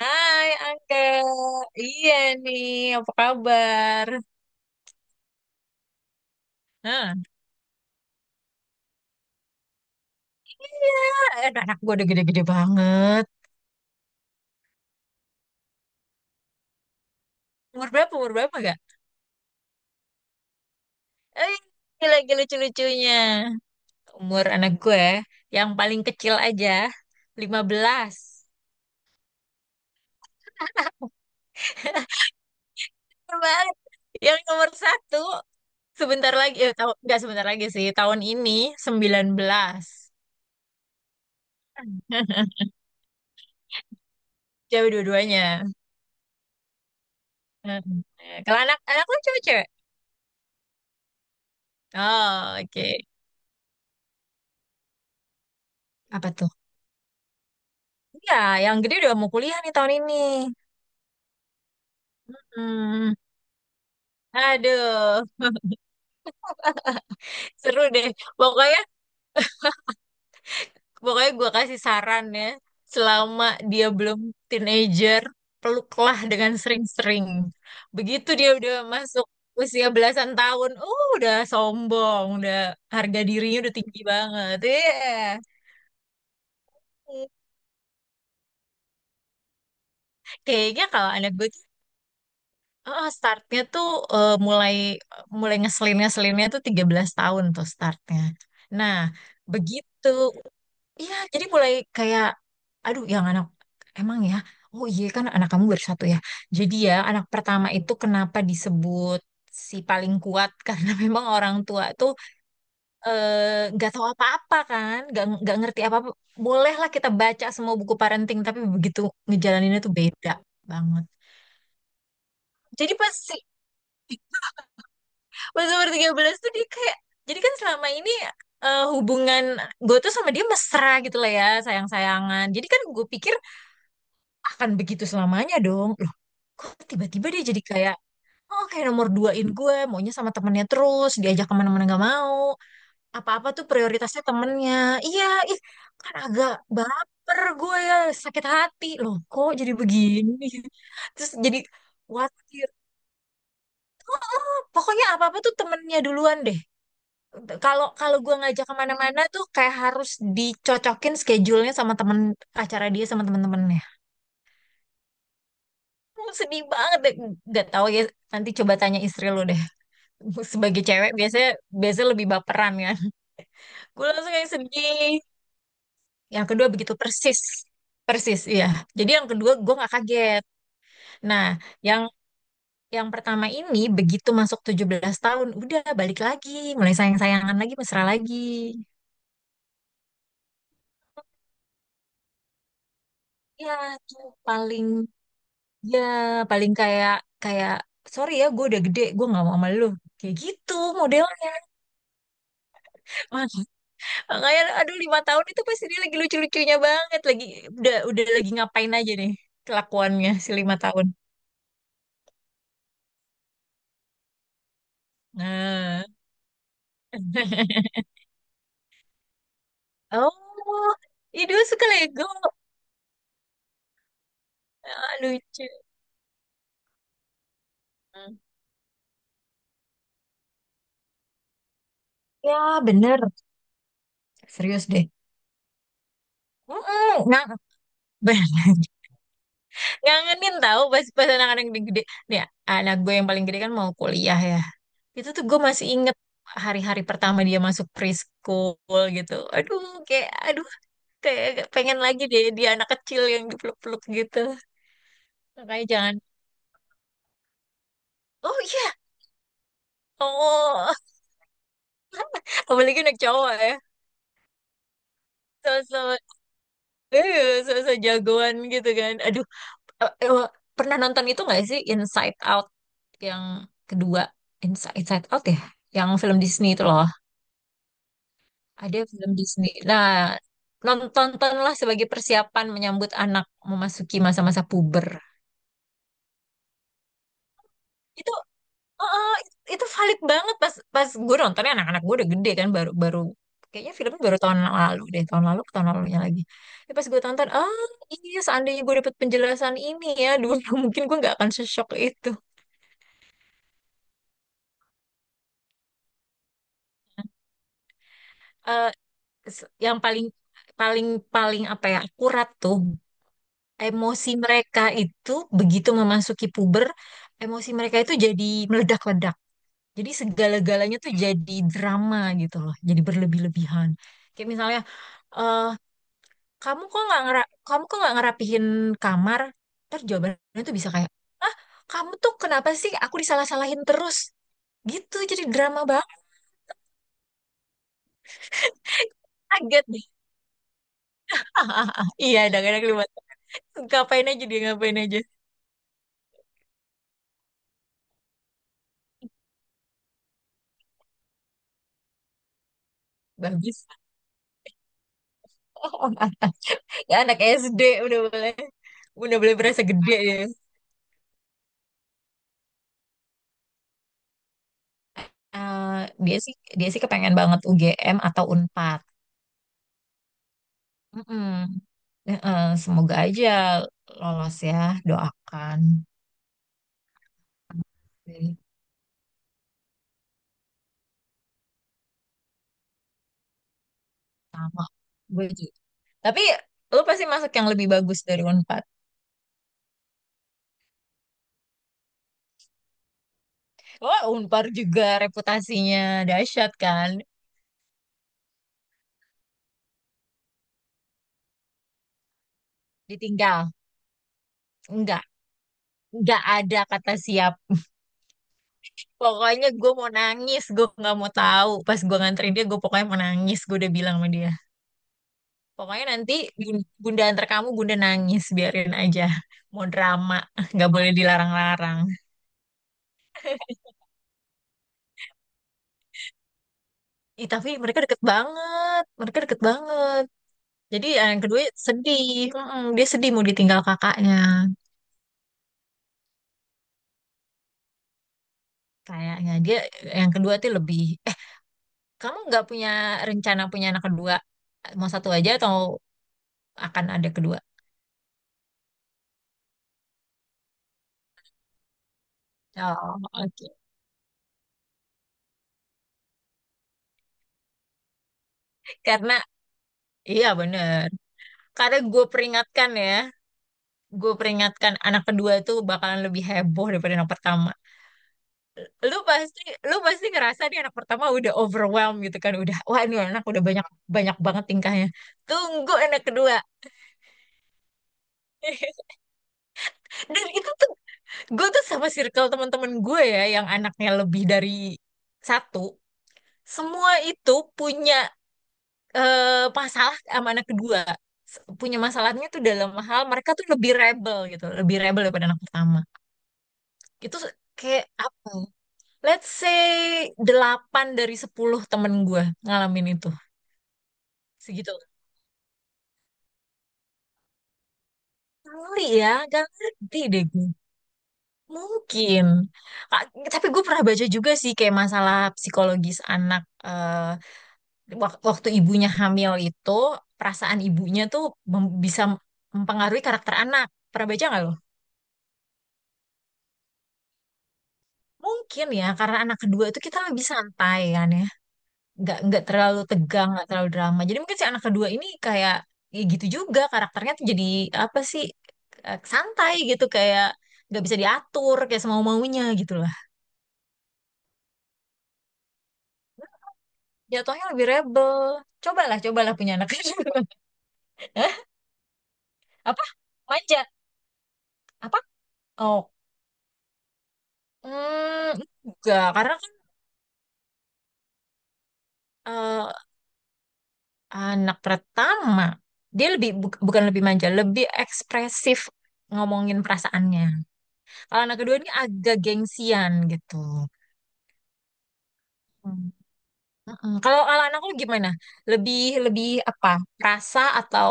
Hai Angga, iya nih, apa kabar? Hah. Iya, anak-anak gue udah gede-gede banget. Umur berapa, gak? Lagi lucu-lucunya. Umur anak gue, yang paling kecil aja, 15. Keren banget. Yang nomor satu, sebentar lagi, tahu, nggak sebentar lagi sih, tahun ini 19. Cewek dua-duanya. Heeh. Kalau anak lu cewek-cewek? Oh, oke. Apa tuh? Iya, yang gede udah mau kuliah nih tahun ini. Hmm, aduh, seru deh. Pokoknya, pokoknya, gue kasih saran ya. Selama dia belum teenager, peluklah dengan sering-sering. Begitu dia udah masuk usia belasan tahun, udah sombong, udah harga dirinya udah tinggi banget. Iya. Kayaknya kalau anak gue, startnya tuh, mulai mulai ngeselinnya tuh 13 tahun tuh startnya. Nah, begitu. Iya, jadi mulai kayak, aduh, yang anak emang ya. Oh iya kan anak kamu baru satu ya. Jadi ya anak pertama itu kenapa disebut si paling kuat, karena memang orang tua tuh nggak tahu apa-apa kan, nggak ngerti apa-apa. Bolehlah kita baca semua buku parenting, tapi begitu ngejalaninnya tuh beda banget. Jadi pasti pas umur 13 tuh dia kayak, jadi kan selama ini hubungan gue tuh sama dia mesra gitu lah ya, sayang-sayangan. Jadi kan gue pikir akan begitu selamanya dong. Loh, kok tiba-tiba dia jadi kayak, oh, kayak nomor duain gue, maunya sama temennya terus, diajak kemana-mana nggak mau, apa-apa tuh prioritasnya temennya. Iya, ih, kan agak baper gue ya, sakit hati, loh kok jadi begini. Terus jadi khawatir, pokoknya apa-apa tuh temennya duluan deh. Kalau kalau gue ngajak kemana-mana tuh kayak harus dicocokin schedule-nya sama temen, acara dia sama temen-temennya. Gue sedih banget deh. Gak tau ya, nanti coba tanya istri lu deh. Sebagai cewek biasanya biasanya lebih baperan kan. Gue langsung kayak sedih. Yang kedua begitu persis. Persis, iya. Jadi yang kedua gue nggak kaget. Nah, yang yang pertama ini begitu masuk 17 tahun udah balik lagi, mulai sayang-sayangan lagi, mesra lagi. Ya, tuh paling Ya, paling kayak, kayak sorry ya, gue udah gede, gue nggak mau sama lu. Kayak gitu modelnya. Mak- Makanya, aduh, 5 tahun itu pasti dia lagi lucu-lucunya banget, lagi udah lagi ngapain aja nih kelakuannya si 5 tahun. Nah, oh, itu suka Lego. Ah, lucu. Ya, bener, serius deh. Mm-mm, ngang, bener. Ngangenin tahu pas pas anak-anak yang gede. Nih, anak gue yang paling gede kan mau kuliah ya. Itu tuh gue masih inget hari-hari pertama dia masuk preschool gitu. Aduh, kayak aduh, kayak agak pengen lagi deh dia anak kecil yang dipeluk-peluk gitu. Makanya jangan. Oh iya. Oh, apalagi anak cowok ya. So-so So-so jagoan gitu kan. Aduh, eh, eh, pernah nonton itu nggak sih Inside Out yang kedua? Inside Out ya, yang film Disney itu loh. Ada film Disney. Nah, tontonlah sebagai persiapan menyambut anak memasuki masa-masa puber. Itu eh, itu valid banget pas pas gue nontonnya anak-anak gue udah gede kan, baru baru kayaknya filmnya baru tahun lalu deh, tahun lalu ke tahun lalunya lagi. Ya, pas gue tonton, ah iya seandainya gue dapet penjelasan ini ya dulu, mungkin gue nggak akan sesok itu. Eh, yang paling paling paling apa ya, akurat tuh emosi mereka itu. Begitu memasuki puber, emosi mereka itu jadi meledak-ledak. Jadi segala-galanya tuh jadi drama gitu loh, jadi berlebih-lebihan. Kayak misalnya, eh kamu kok nggak ngerapihin kamar? Ntar jawabannya tuh bisa kayak, ah kamu tuh kenapa sih? Aku disalah-salahin terus. Gitu, jadi drama banget. Kaget deh. Iya, kadang-kadang kelihatan. Ngapain aja dia, ngapain aja. Bagus. Ya, anak SD udah boleh berasa gede ya. Eh, dia sih kepengen banget UGM atau Unpad. Mm-mm. Semoga aja lolos ya, doakan. Dari Sama gue juga. Tapi lu pasti masuk yang lebih bagus dari Unpad. Wah, Unpad juga reputasinya dahsyat kan. Ditinggal. Enggak. Enggak ada kata siap. Pokoknya gue mau nangis, gue nggak mau tahu. Pas gue nganterin dia, gue pokoknya mau nangis. Gue udah bilang sama dia. Pokoknya nanti bunda antar kamu, bunda nangis biarin aja. Mau drama, nggak boleh dilarang-larang. Ih, tapi mereka deket banget, mereka deket banget. Jadi yang kedua sedih, mm-mm, dia sedih mau ditinggal kakaknya. Kayaknya dia, yang kedua tuh lebih. Eh, Kamu nggak punya rencana punya anak kedua? Mau satu aja atau akan ada kedua? Oh, oke. Karena iya bener. Karena gue peringatkan ya, gue peringatkan anak kedua tuh bakalan lebih heboh daripada anak pertama. lu pasti Lu pasti ngerasa nih anak pertama udah overwhelmed gitu kan, udah wah ini anak udah banyak banyak banget tingkahnya, tunggu anak kedua. Dan itu tuh gue tuh sama circle teman-teman gue ya yang anaknya lebih dari satu, semua itu punya eh, masalah sama anak kedua. Punya masalahnya tuh dalam hal mereka tuh lebih rebel gitu, lebih rebel daripada anak pertama. Itu kayak apa ya? Let's say 8 dari 10 temen gue ngalamin itu segitu. Kali ya, gak ngerti deh gue. Mungkin. Ah, Tapi gue pernah baca juga sih kayak masalah psikologis anak, eh, waktu ibunya hamil itu, perasaan ibunya tuh bisa mempengaruhi karakter anak. Pernah baca nggak lo? Mungkin ya, karena anak kedua itu kita lebih santai kan ya. Nggak terlalu tegang, nggak terlalu drama. Jadi mungkin si anak kedua ini kayak ya gitu juga karakternya, tuh jadi apa sih, santai gitu kayak nggak bisa diatur kayak semau-maunya gitu loh. Jatuhnya lebih rebel. Cobalah punya anak. Hah? Apa? Manja? Apa? Oh, hmm, enggak. Karena kan eh, anak pertama, dia lebih bukan lebih manja, lebih ekspresif ngomongin perasaannya. Kalau anak kedua ini agak gengsian gitu. Hmm. Mm-mm. Kalau Kalau anak lu gimana? Lebih Lebih apa? Rasa atau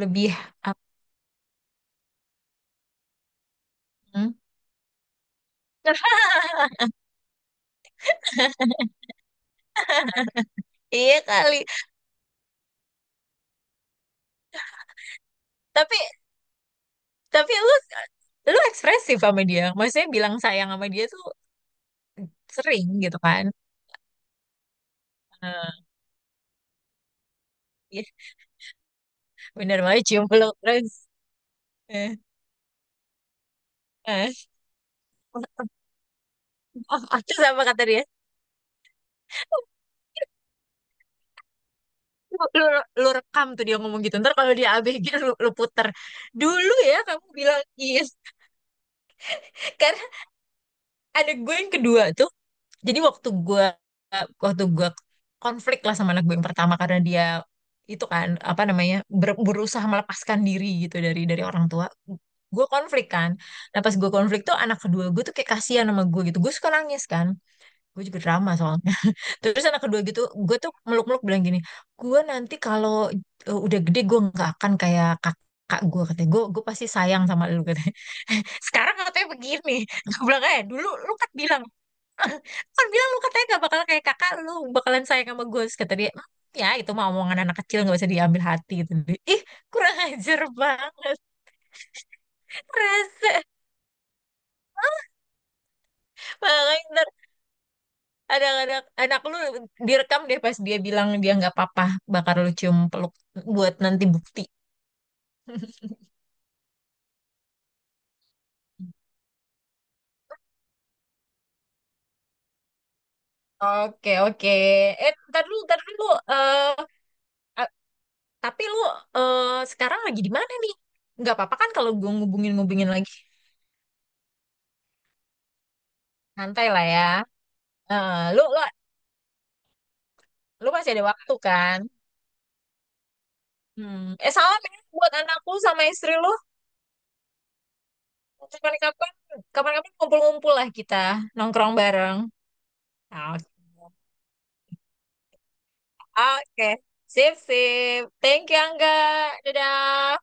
lebih apa? Iya kali. Tapi Tapi lu lu ekspresif sama dia. Maksudnya bilang sayang sama dia tuh sering gitu kan. Eh, iya, bener banget cium peluk terus. Eh, eh. Terus apa kata dia? Lu, lu, Lu rekam tuh dia ngomong gitu. Ntar kalau dia ABG lu puter. Dulu ya kamu bilang iya. Karena ada gue yang kedua tuh. Jadi waktu gue waktu gue konflik lah sama anak gue yang pertama karena dia itu kan apa namanya berusaha melepaskan diri gitu dari orang tua. Gue konflik kan. Nah pas gue konflik tuh anak kedua gue tuh kayak kasihan sama gue gitu. Gue suka nangis kan. Gue juga drama soalnya. Terus anak kedua gitu, gue tuh meluk-meluk bilang gini, gue nanti kalau udah gede gue nggak akan kayak kakak gue katanya, gue pasti sayang sama lu katanya. Sekarang katanya begini, gue bilang eh dulu lu kan bilang, lu katanya gak bakal kayak kakak lu, bakalan sayang sama gue. Terus kata dia, "Hmm, ya itu mah omongan anak kecil, gak bisa diambil hati gitu." Ih, kurang ajar banget, rese. Makanya ntar anak lu direkam deh pas dia bilang dia nggak apa-apa bakal lu cium peluk, buat nanti bukti. Oke, oke. Ntar dulu. Eh, Eh, tapi lu eh, sekarang lagi di mana nih, nggak apa-apa kan kalau gue ngubungin-ngubungin lagi, santai lah ya. Eh, lu, lu, Lu masih ada waktu kan? Hmm. Sama men, buat anakku sama istri lu. Kapan-kapan, Kapan-kapan ngumpul-ngumpul lah kita, nongkrong bareng. Nah, oke. Oke. Sip, sip. Thank you, Angga. Dadah.